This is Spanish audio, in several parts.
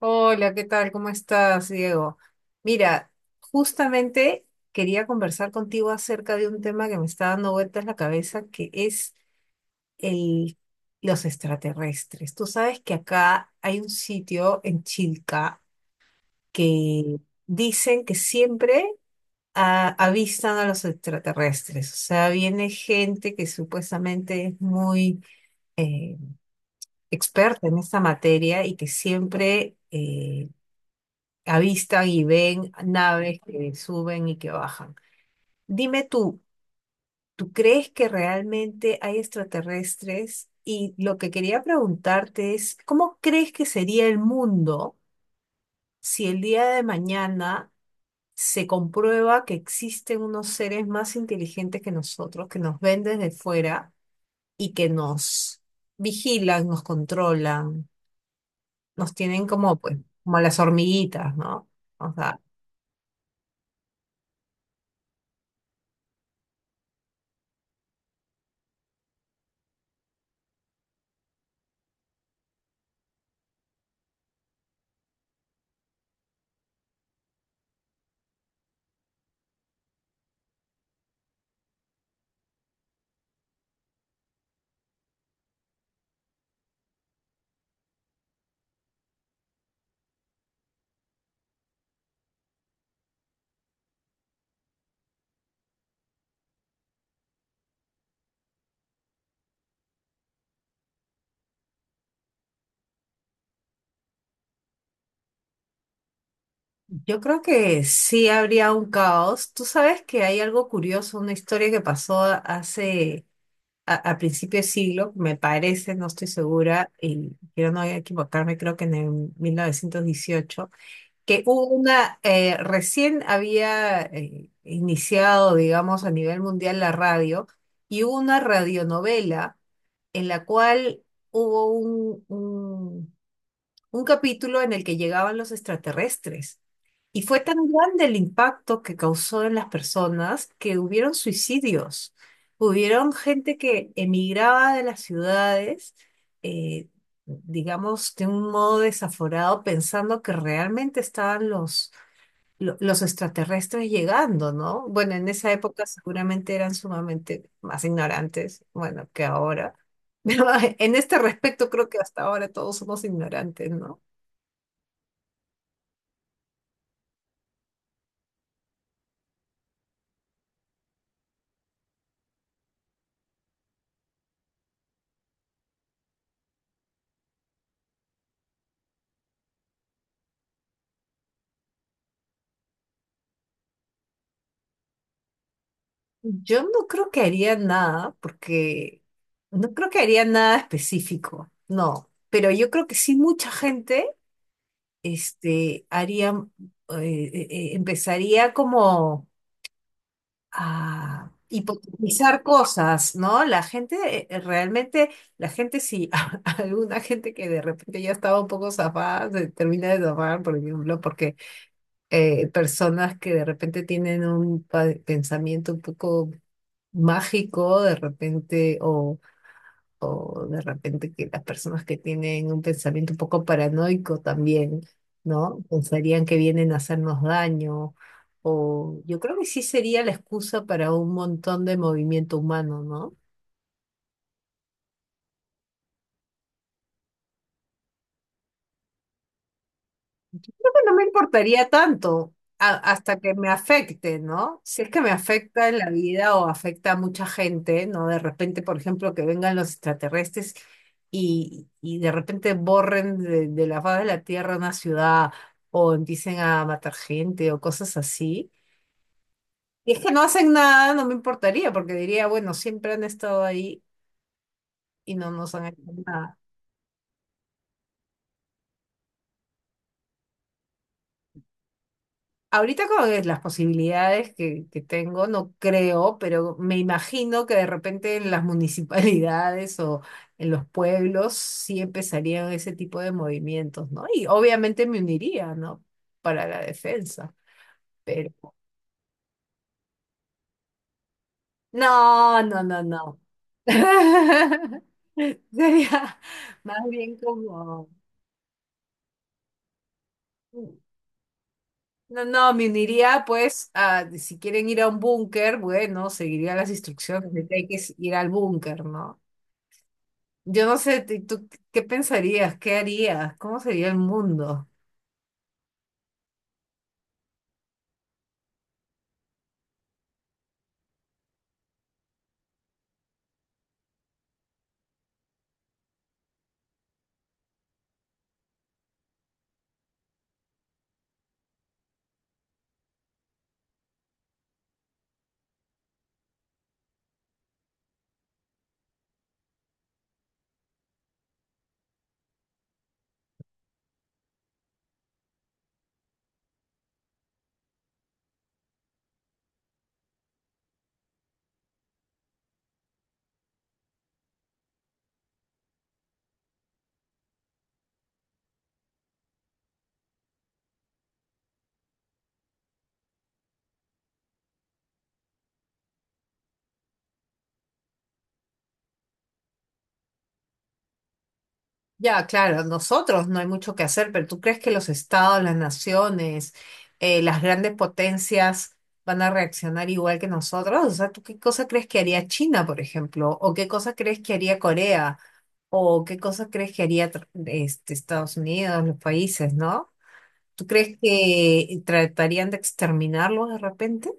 Hola, ¿qué tal? ¿Cómo estás, Diego? Mira, justamente quería conversar contigo acerca de un tema que me está dando vueltas la cabeza, que es el, los extraterrestres. Tú sabes que acá hay un sitio en Chilca que dicen que siempre avistan a los extraterrestres. O sea, viene gente que supuestamente es muy eh, experta en esta materia y que siempre avistan y ven naves que suben y que bajan. Dime tú, ¿tú crees que realmente hay extraterrestres? Y lo que quería preguntarte es, ¿cómo crees que sería el mundo si el día de mañana se comprueba que existen unos seres más inteligentes que nosotros, que nos ven desde fuera y que nos vigilan, nos controlan, nos tienen como, pues, como las hormiguitas, ¿no? O sea, yo creo que sí habría un caos. Tú sabes que hay algo curioso, una historia que pasó hace, a principio de siglo, me parece, no estoy segura, y quiero no equivocarme, creo que en el 1918, que hubo una, recién había iniciado, digamos, a nivel mundial la radio, y hubo una radionovela en la cual hubo un capítulo en el que llegaban los extraterrestres. Y fue tan grande el impacto que causó en las personas que hubieron suicidios. Hubieron gente que emigraba de las ciudades, eh, digamos, de un modo desaforado, pensando que realmente estaban los extraterrestres llegando, ¿no? Bueno, en esa época seguramente eran sumamente más ignorantes, bueno, que ahora. Pero en este respecto creo que hasta ahora todos somos ignorantes, ¿no? Yo no creo que haría nada, porque no creo que haría nada específico, no. Pero yo creo que sí mucha gente, este, haría, eh, empezaría como a hipotetizar cosas, ¿no? La gente, realmente, la gente sí, alguna gente que de repente ya estaba un poco zafada, se termina de zafar, por ejemplo, porque personas que de repente tienen un pensamiento un poco mágico de repente o de repente que las personas que tienen un pensamiento un poco paranoico también, ¿no? Pensarían que vienen a hacernos daño o yo creo que sí sería la excusa para un montón de movimiento humano, ¿no? No me importaría tanto hasta que me afecte, ¿no? Si es que me afecta en la vida o afecta a mucha gente, ¿no? De repente, por ejemplo, que vengan los extraterrestres y de repente borren de la faz de la Tierra una ciudad o empiecen a matar gente o cosas así. Y es que no hacen nada, no me importaría, porque diría, bueno, siempre han estado ahí y no nos han hecho nada. Ahorita con las posibilidades que tengo, no creo, pero me imagino que de repente en las municipalidades o en los pueblos sí empezarían ese tipo de movimientos, ¿no? Y obviamente me uniría, ¿no? Para la defensa, pero... No, no, no, no. Sería más bien como... No, no, me uniría pues a, si quieren ir a un búnker, bueno, seguiría las instrucciones de que hay que ir al búnker, ¿no? Yo no sé, ¿tú qué pensarías? ¿Qué harías? ¿Cómo sería el mundo? Ya, claro, nosotros no hay mucho que hacer, pero ¿tú crees que los estados, las naciones, las grandes potencias van a reaccionar igual que nosotros? O sea, ¿tú qué cosa crees que haría China, por ejemplo? ¿O qué cosa crees que haría Corea? ¿O qué cosa crees que haría Estados Unidos, los países, ¿no? ¿Tú crees que tratarían de exterminarlos de repente?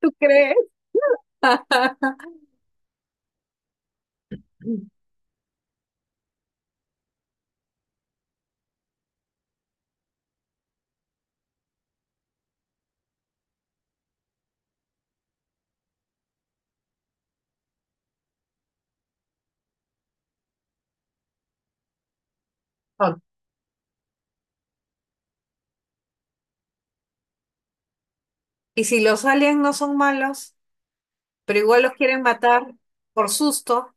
¿Tú crees? Ok, y si los aliens no son malos, pero igual los quieren matar por susto,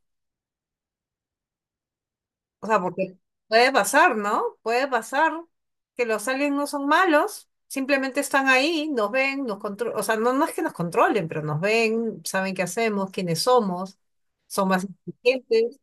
o sea, porque puede pasar, ¿no? Puede pasar que los aliens no son malos, simplemente están ahí, nos ven, nos controlan, o sea, no, no es que nos controlen, pero nos ven, saben qué hacemos, quiénes somos, son más inteligentes.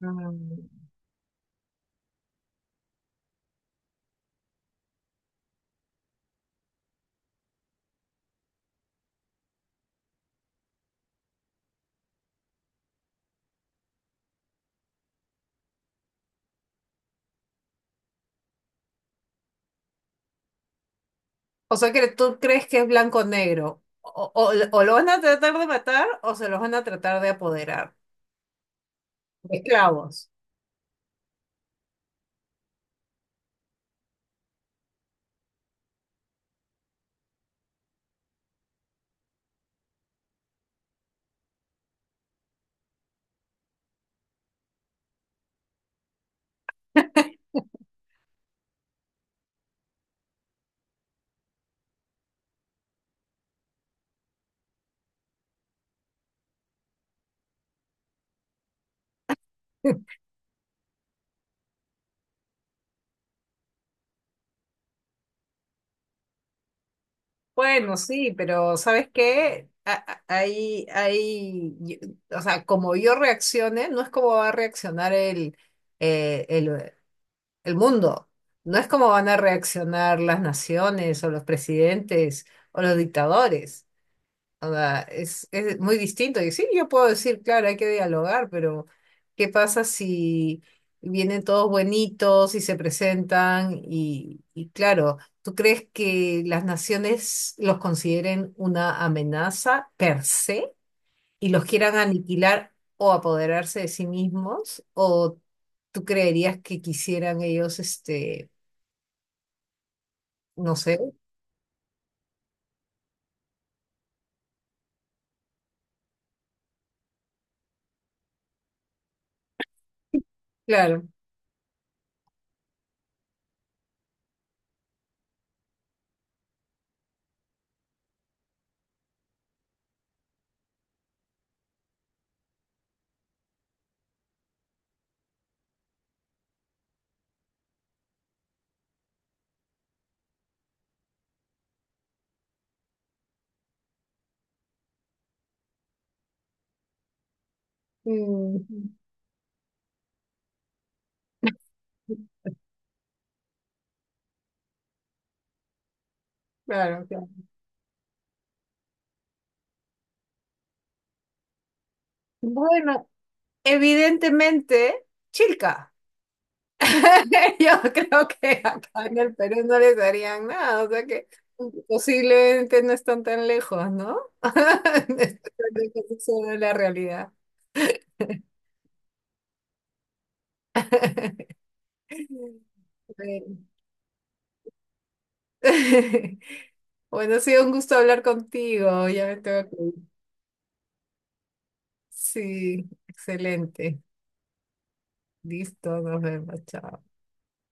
Mm. O sea, que tú crees que es blanco o negro, o, o lo van a tratar de matar o se los van a tratar de apoderar, de esclavos. Bueno, sí, pero ¿sabes qué? Ahí, ahí, o sea, como yo reaccione, no es como va a reaccionar eh, el, el mundo, no es como van a reaccionar las naciones o los presidentes o los dictadores. O sea, es muy distinto. Y sí, yo puedo decir, claro, hay que dialogar, pero ¿qué pasa si vienen todos buenitos y se presentan? Y claro, ¿tú crees que las naciones los consideren una amenaza per se y los quieran aniquilar o apoderarse de sí mismos? ¿O tú creerías que quisieran ellos, este, no sé? Claro. Mm, claro, claro. Bueno, evidentemente, Chilca. Yo creo que acá en el Perú no les darían nada, o sea que posiblemente no están tan lejos, ¿no? No están tan lejos eso de la realidad. Bueno, bueno, ha sido un gusto hablar contigo, ya me tengo que ir. Sí, excelente. Listo, nos vemos, chao.